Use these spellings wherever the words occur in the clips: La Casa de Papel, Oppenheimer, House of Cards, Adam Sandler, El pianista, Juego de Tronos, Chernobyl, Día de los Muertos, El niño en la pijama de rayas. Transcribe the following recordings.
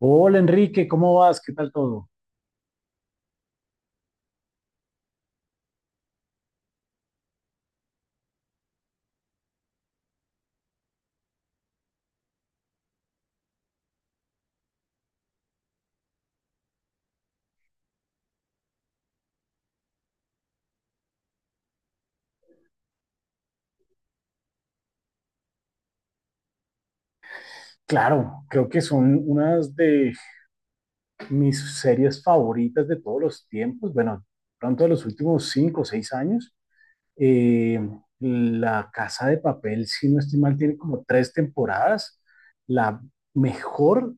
Hola Enrique, ¿cómo vas? ¿Qué tal todo? Claro, creo que son unas de mis series favoritas de todos los tiempos, bueno, pronto de los últimos 5 o 6 años. Eh, La Casa de Papel, si no estoy mal, tiene como tres temporadas. La mejor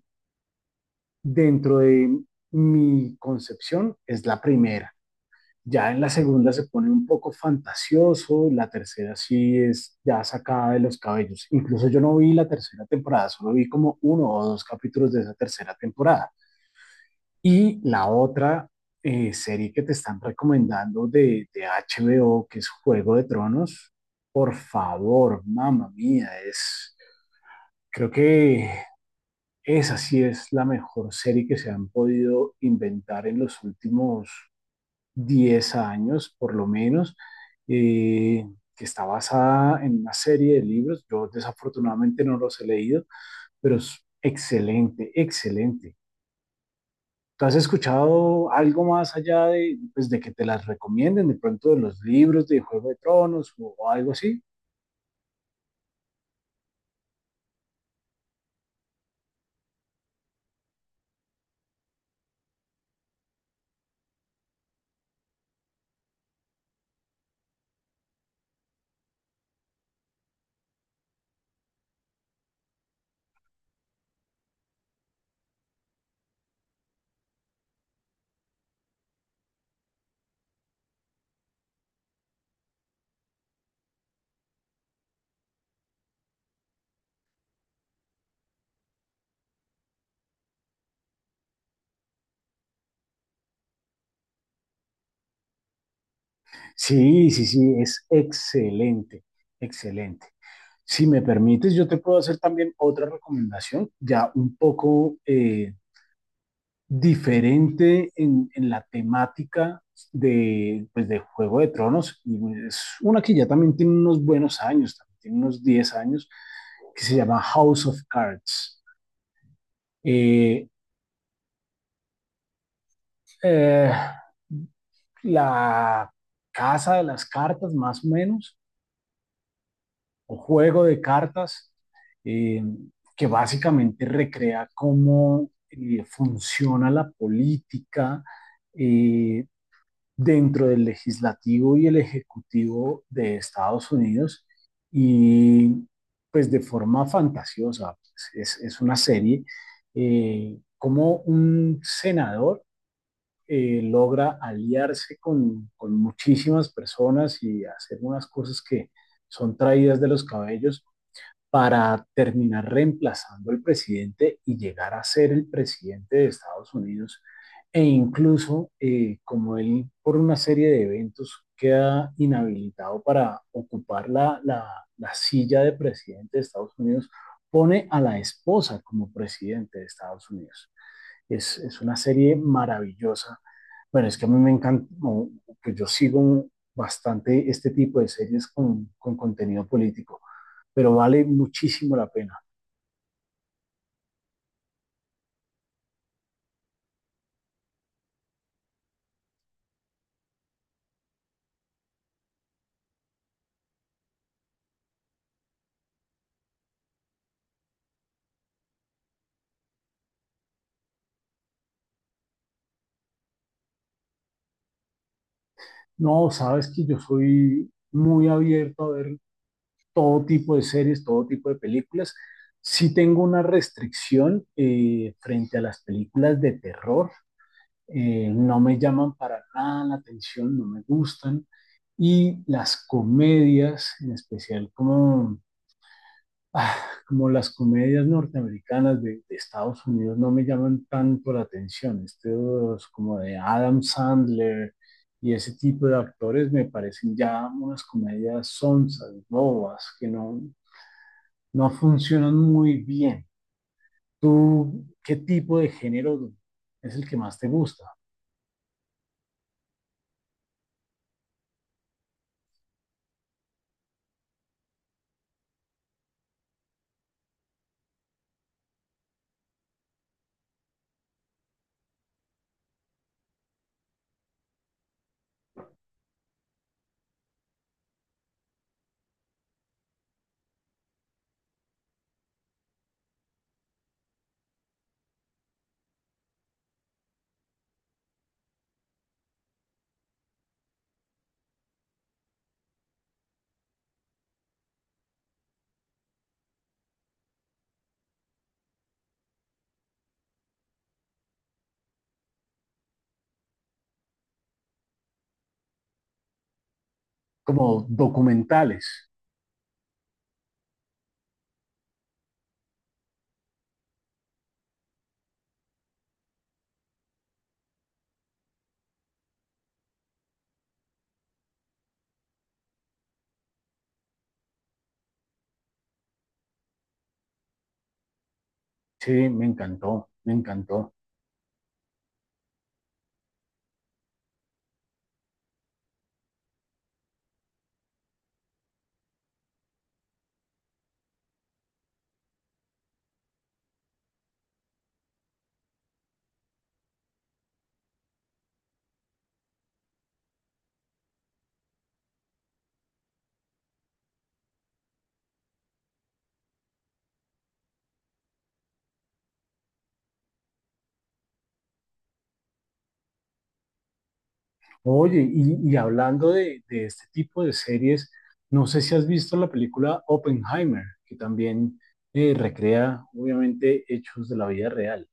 dentro de mi concepción es la primera. Ya en la segunda se pone un poco fantasioso, la tercera sí es ya sacada de los cabellos. Incluso yo no vi la tercera temporada, solo vi como uno o dos capítulos de esa tercera temporada. Y la otra serie que te están recomendando de HBO, que es Juego de Tronos, por favor, mamá mía, creo que esa sí es la mejor serie que se han podido inventar en los últimos 10 años por lo menos, eh, que está basada en una serie de libros. Yo desafortunadamente no los he leído, pero es excelente, excelente. ¿Tú has escuchado algo más allá de, pues, de que te las recomienden, de pronto de los libros de Juego de Tronos o algo así? Sí, sí, sí, es excelente, excelente. Si me permites, yo te puedo hacer también otra recomendación, ya un poco diferente en la temática de, pues, de Juego de Tronos. Y bueno, es una que ya también tiene unos buenos años, también tiene unos 10 años, que se llama House of Cards. Eh, eh, la casa de las cartas, más o menos, o juego de cartas, eh, que básicamente recrea cómo funciona la política, eh, dentro del legislativo y el ejecutivo de Estados Unidos y pues de forma fantasiosa, es una serie, como un senador logra aliarse con muchísimas personas y hacer unas cosas que son traídas de los cabellos para terminar reemplazando al presidente y llegar a ser el presidente de Estados Unidos. E incluso, como él por una serie de eventos queda inhabilitado para ocupar la silla de presidente de Estados Unidos, pone a la esposa como presidente de Estados Unidos. Es una serie maravillosa. Bueno, es que a mí me encanta, no, que yo sigo bastante este tipo de series con contenido político pero vale muchísimo la pena. No, sabes que yo soy muy abierto a ver todo tipo de series, todo tipo de películas. Sí tengo una restricción frente a las películas de terror. No me llaman para nada la atención, no me gustan. Y las comedias, en especial ah, como las comedias norteamericanas de Estados Unidos no me llaman tanto la atención. Estos como de Adam Sandler y ese tipo de actores me parecen ya unas comedias sonsas, bobas, que no funcionan muy bien. ¿Tú qué tipo de género es el que más te gusta? Como documentales. Sí, me encantó, me encantó. Oye, y hablando de este tipo de series, no sé si has visto la película Oppenheimer, que también recrea, obviamente, hechos de la vida real.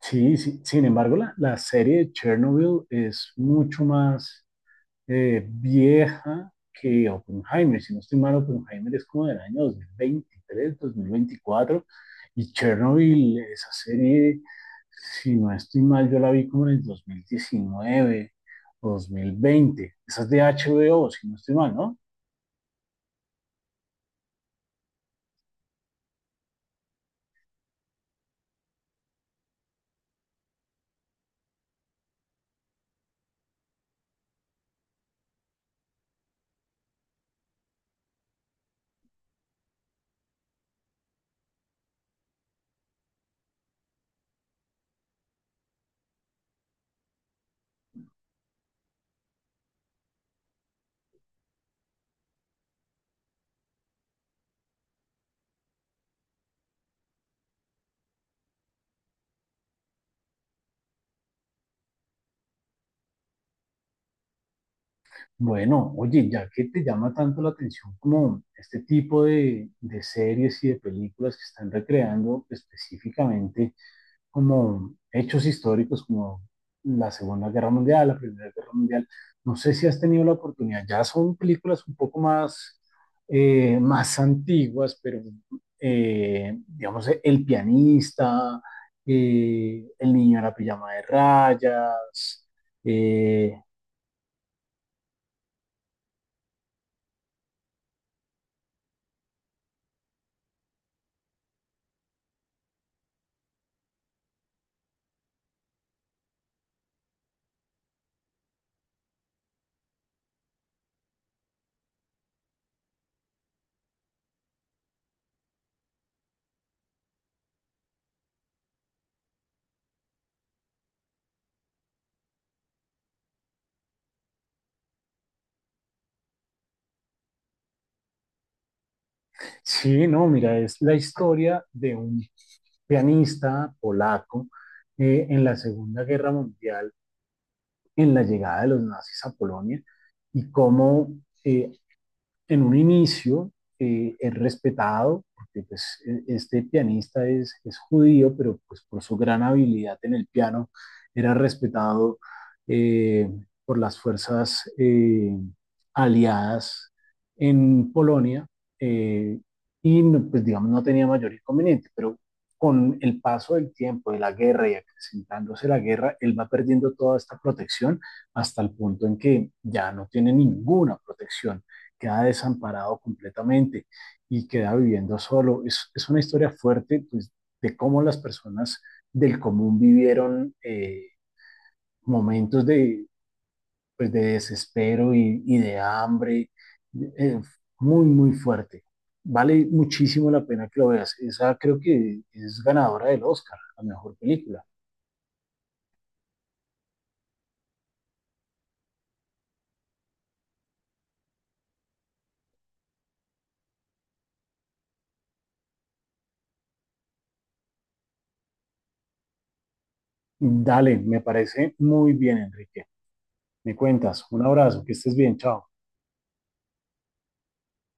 Sí, sí, sin embargo, la serie de Chernobyl es mucho más vieja que Oppenheimer. Si no estoy mal, Oppenheimer es como del año 2023, 2024. Y Chernobyl, esa serie, si no estoy mal, yo la vi como en el 2019 o 2020. Esa es de HBO, si no estoy mal, ¿no? Bueno, oye, ya que te llama tanto la atención como este tipo de, series y de películas que están recreando específicamente como hechos históricos como la Segunda Guerra Mundial, la Primera Guerra Mundial. No sé si has tenido la oportunidad, ya son películas un poco más, más antiguas, pero digamos, El pianista, El niño en la pijama de rayas. eh, sí, no, mira, es la historia de un pianista polaco en la Segunda Guerra Mundial en la llegada de los nazis a Polonia y cómo eh, en un inicio es respetado, porque pues, este pianista es judío, pero pues, por su gran habilidad en el piano era respetado eh, por las fuerzas aliadas en Polonia eh, y pues, digamos no tenía mayor inconveniente, pero con el paso del tiempo, de la guerra y acrecentándose la guerra, él va perdiendo toda esta protección hasta el punto en que ya no tiene ninguna protección. Queda desamparado completamente y queda viviendo solo. Es una historia fuerte pues, de cómo las personas del común vivieron momentos de, pues, de desespero y de hambre, eh, muy, muy fuerte. Vale muchísimo la pena que lo veas. Esa creo que es ganadora del Oscar, la mejor película. Dale, me parece muy bien, Enrique. Me cuentas. Un abrazo, que estés bien, chao.